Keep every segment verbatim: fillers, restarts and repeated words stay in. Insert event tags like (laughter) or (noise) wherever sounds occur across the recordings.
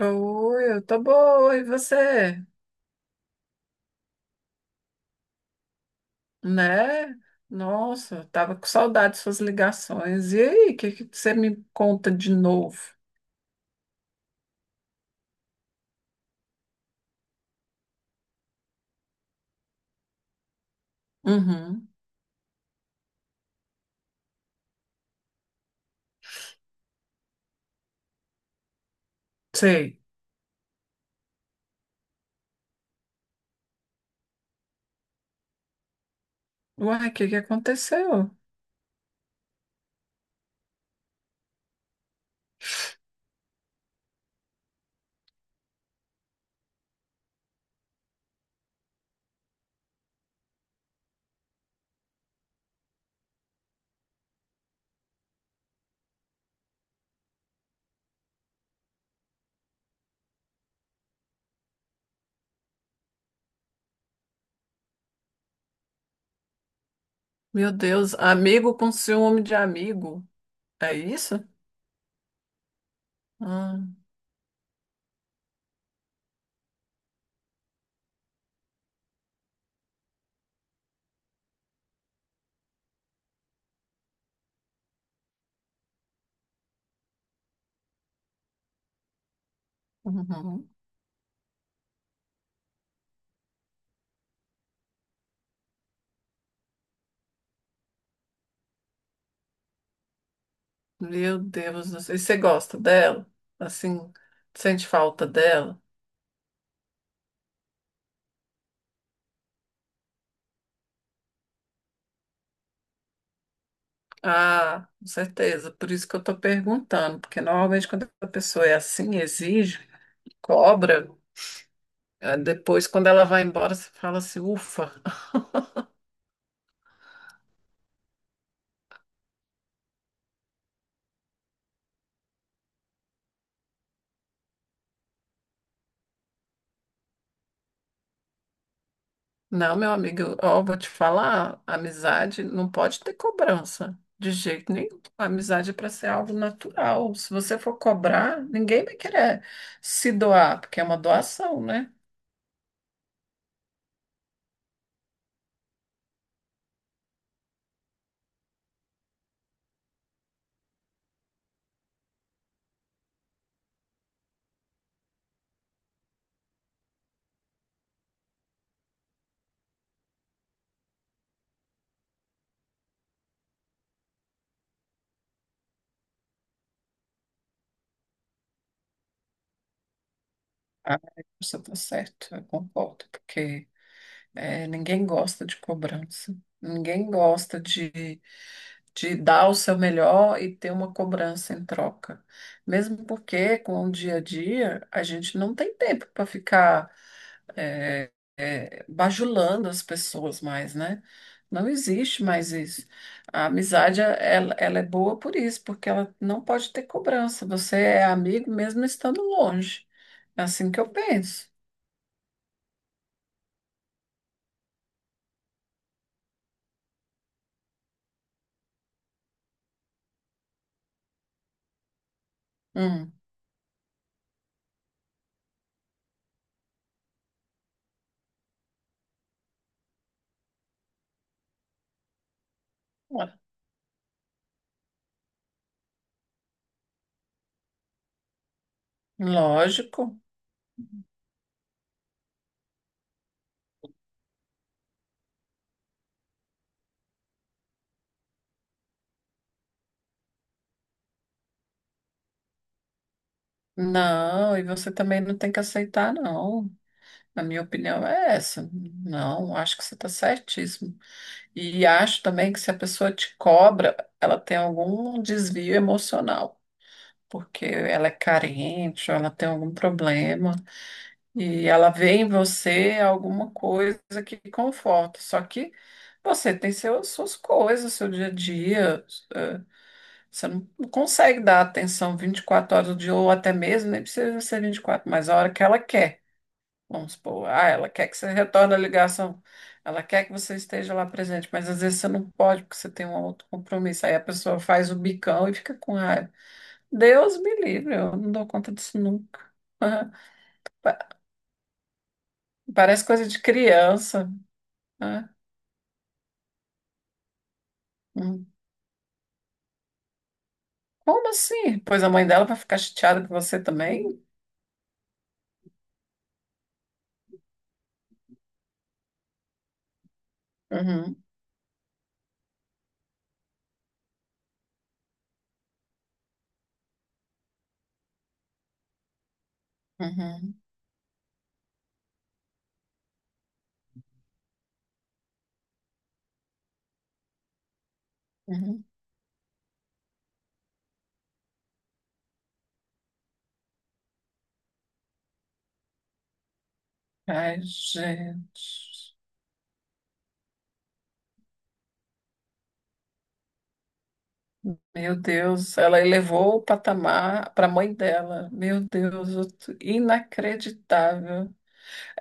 Oi, eu tô boa, e você? Né? Nossa, eu tava com saudade de suas ligações. E aí, o que que você me conta de novo? Uhum, sei. Uai, o que que aconteceu? Meu Deus, amigo com ciúme de amigo, é isso? Ah, uhum. Meu Deus do céu! E você gosta dela? Assim, sente falta dela? Ah, com certeza, por isso que eu tô perguntando, porque normalmente quando a pessoa é assim, exige, cobra. Eh, Depois, quando ela vai embora, você fala assim, ufa. Não, meu amigo, eu- ó, vou te falar, amizade não pode ter cobrança, de jeito nenhum. A amizade é para ser algo natural. Se você for cobrar, ninguém vai querer se doar, porque é uma doação, né? Ah, você tá certo, eu concordo, porque é, ninguém gosta de cobrança. Ninguém gosta de, de dar o seu melhor e ter uma cobrança em troca. Mesmo porque, com o dia a dia, a gente não tem tempo para ficar é, é, bajulando as pessoas mais, né? Não existe mais isso. A amizade, ela, ela é boa por isso, porque ela não pode ter cobrança. Você é amigo mesmo estando longe. É assim que eu penso. Hum, lógico. Não, e você também não tem que aceitar, não. Na minha opinião é essa. Não, acho que você está certíssimo. E acho também que se a pessoa te cobra, ela tem algum desvio emocional, porque ela é carente, ou ela tem algum problema, e ela vê em você alguma coisa que conforta. Só que você tem seus, suas coisas, seu dia a dia. eh, Você não não consegue dar atenção vinte e quatro horas do dia, ou até mesmo, nem precisa ser vinte e quatro, mas a hora que ela quer. Vamos supor, ah, ela quer que você retorne a ligação, ela quer que você esteja lá presente, mas às vezes você não pode porque você tem um outro compromisso. Aí a pessoa faz o bicão e fica com raiva. Deus me livre, eu não dou conta disso nunca. (laughs) Pa- Parece coisa de criança, né? Hum. Como assim? Pois a mãe dela vai ficar chateada com você também? Uhum, uhum, uhum. Ai, gente. Meu Deus, ela elevou o patamar para a mãe dela. Meu Deus, outro- Inacreditável.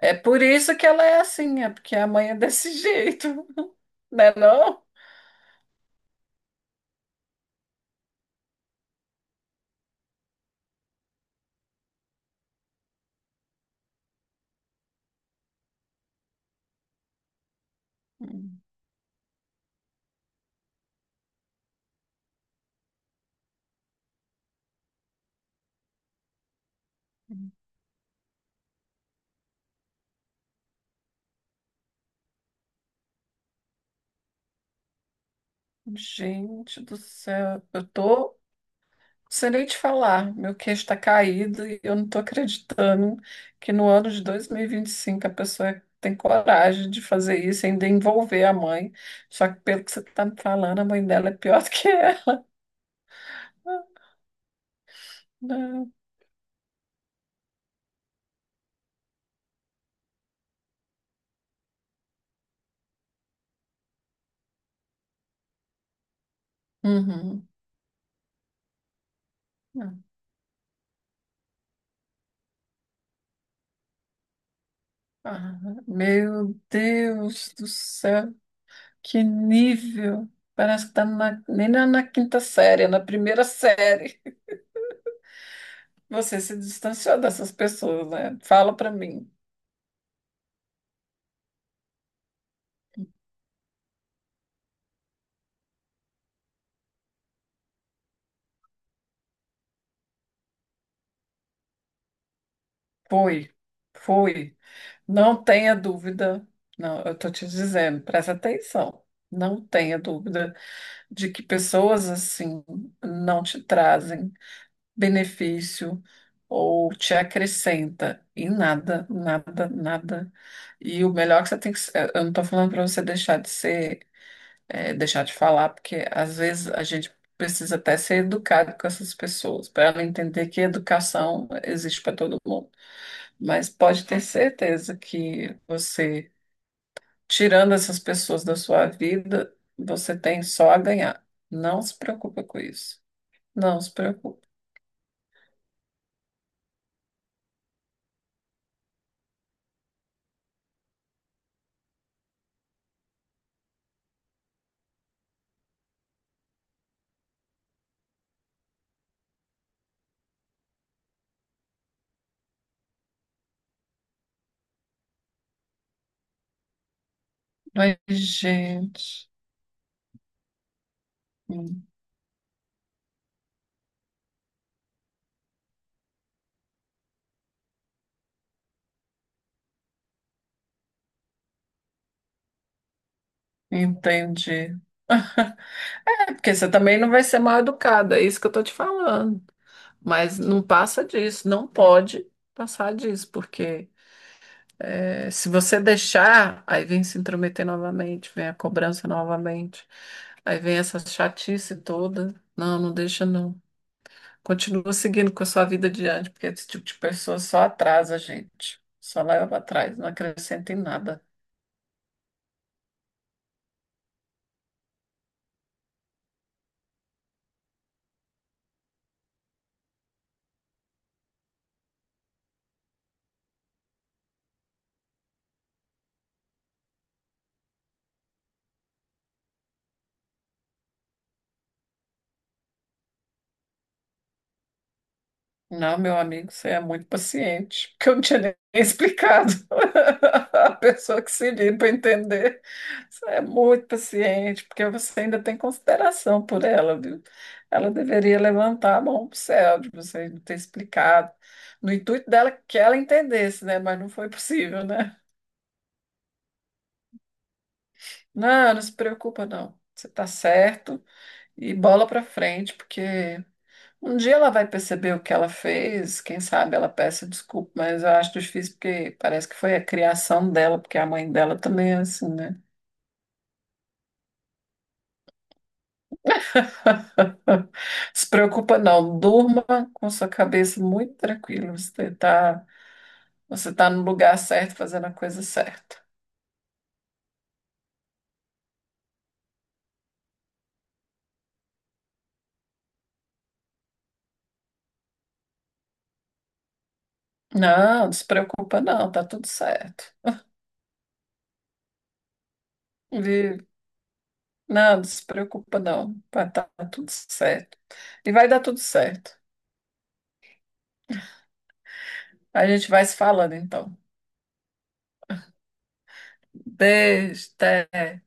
É por isso que ela é assim, é porque a mãe é desse jeito, (laughs) né não? Uhum. Gente do céu, eu tô sem nem te falar, meu queixo tá caído e eu não tô acreditando que no ano de dois mil e e vinte e cinco a pessoa tem coragem de fazer isso, e ainda envolver a mãe. Só que pelo que você tá me falando, a mãe dela é pior (laughs) do que ela. (laughs) Uhum. Ah, meu Deus do céu, que nível! Parece que está na, nem na, na quinta série, é na primeira série. Você se distanciou dessas pessoas, né? Fala para mim. Foi, foi. Não tenha dúvida. Não, eu tô te dizendo, presta atenção. Não tenha dúvida de que pessoas assim não te trazem benefício ou te acrescenta em nada, nada, nada. E o melhor que você tem que. ser- Eu não estou falando para você deixar de ser, eh, deixar de falar, porque às vezes a gente precisa até ser educado com essas pessoas, para ela entender que educação existe para todo mundo. Mas pode ter certeza que você, tirando essas pessoas da sua vida, você tem só a ganhar. Não se preocupa com isso. Não se preocupe. Mas, gente. Hum. Entendi. (laughs) É, porque você também não vai ser mal educada, é isso que eu tô te falando. Mas não passa disso, não pode passar disso, porque é, se você deixar, aí vem se intrometer novamente, vem a cobrança novamente, aí vem essa chatice toda. Não, não deixa não. Continua seguindo com a sua vida adiante, porque esse tipo de pessoa só atrasa a gente, só leva para trás, não acrescenta em nada. Não, meu amigo, você é muito paciente, (laughs) porque eu não tinha nem explicado. (laughs) A pessoa que se liga para entender, você é muito paciente, porque você ainda tem consideração por ela, viu? Ela deveria levantar a mão para o céu de você não ter explicado, no intuito dela que ela entendesse, né? Mas não foi possível, né? Não, não se preocupa, não. Você está certo e bola para frente, porque um dia ela vai perceber o que ela fez, quem sabe ela peça desculpa, mas eu acho difícil porque parece que foi a criação dela, porque a mãe dela também é assim, né? (laughs) Se preocupa não, durma com sua cabeça muito tranquila, você tá, você tá no lugar certo, fazendo a coisa certa. Não, despreocupa não, tá tudo certo. E, não, despreocupa não, tá, tá tudo certo. E vai dar tudo certo. A gente vai se falando então. Beijo, até.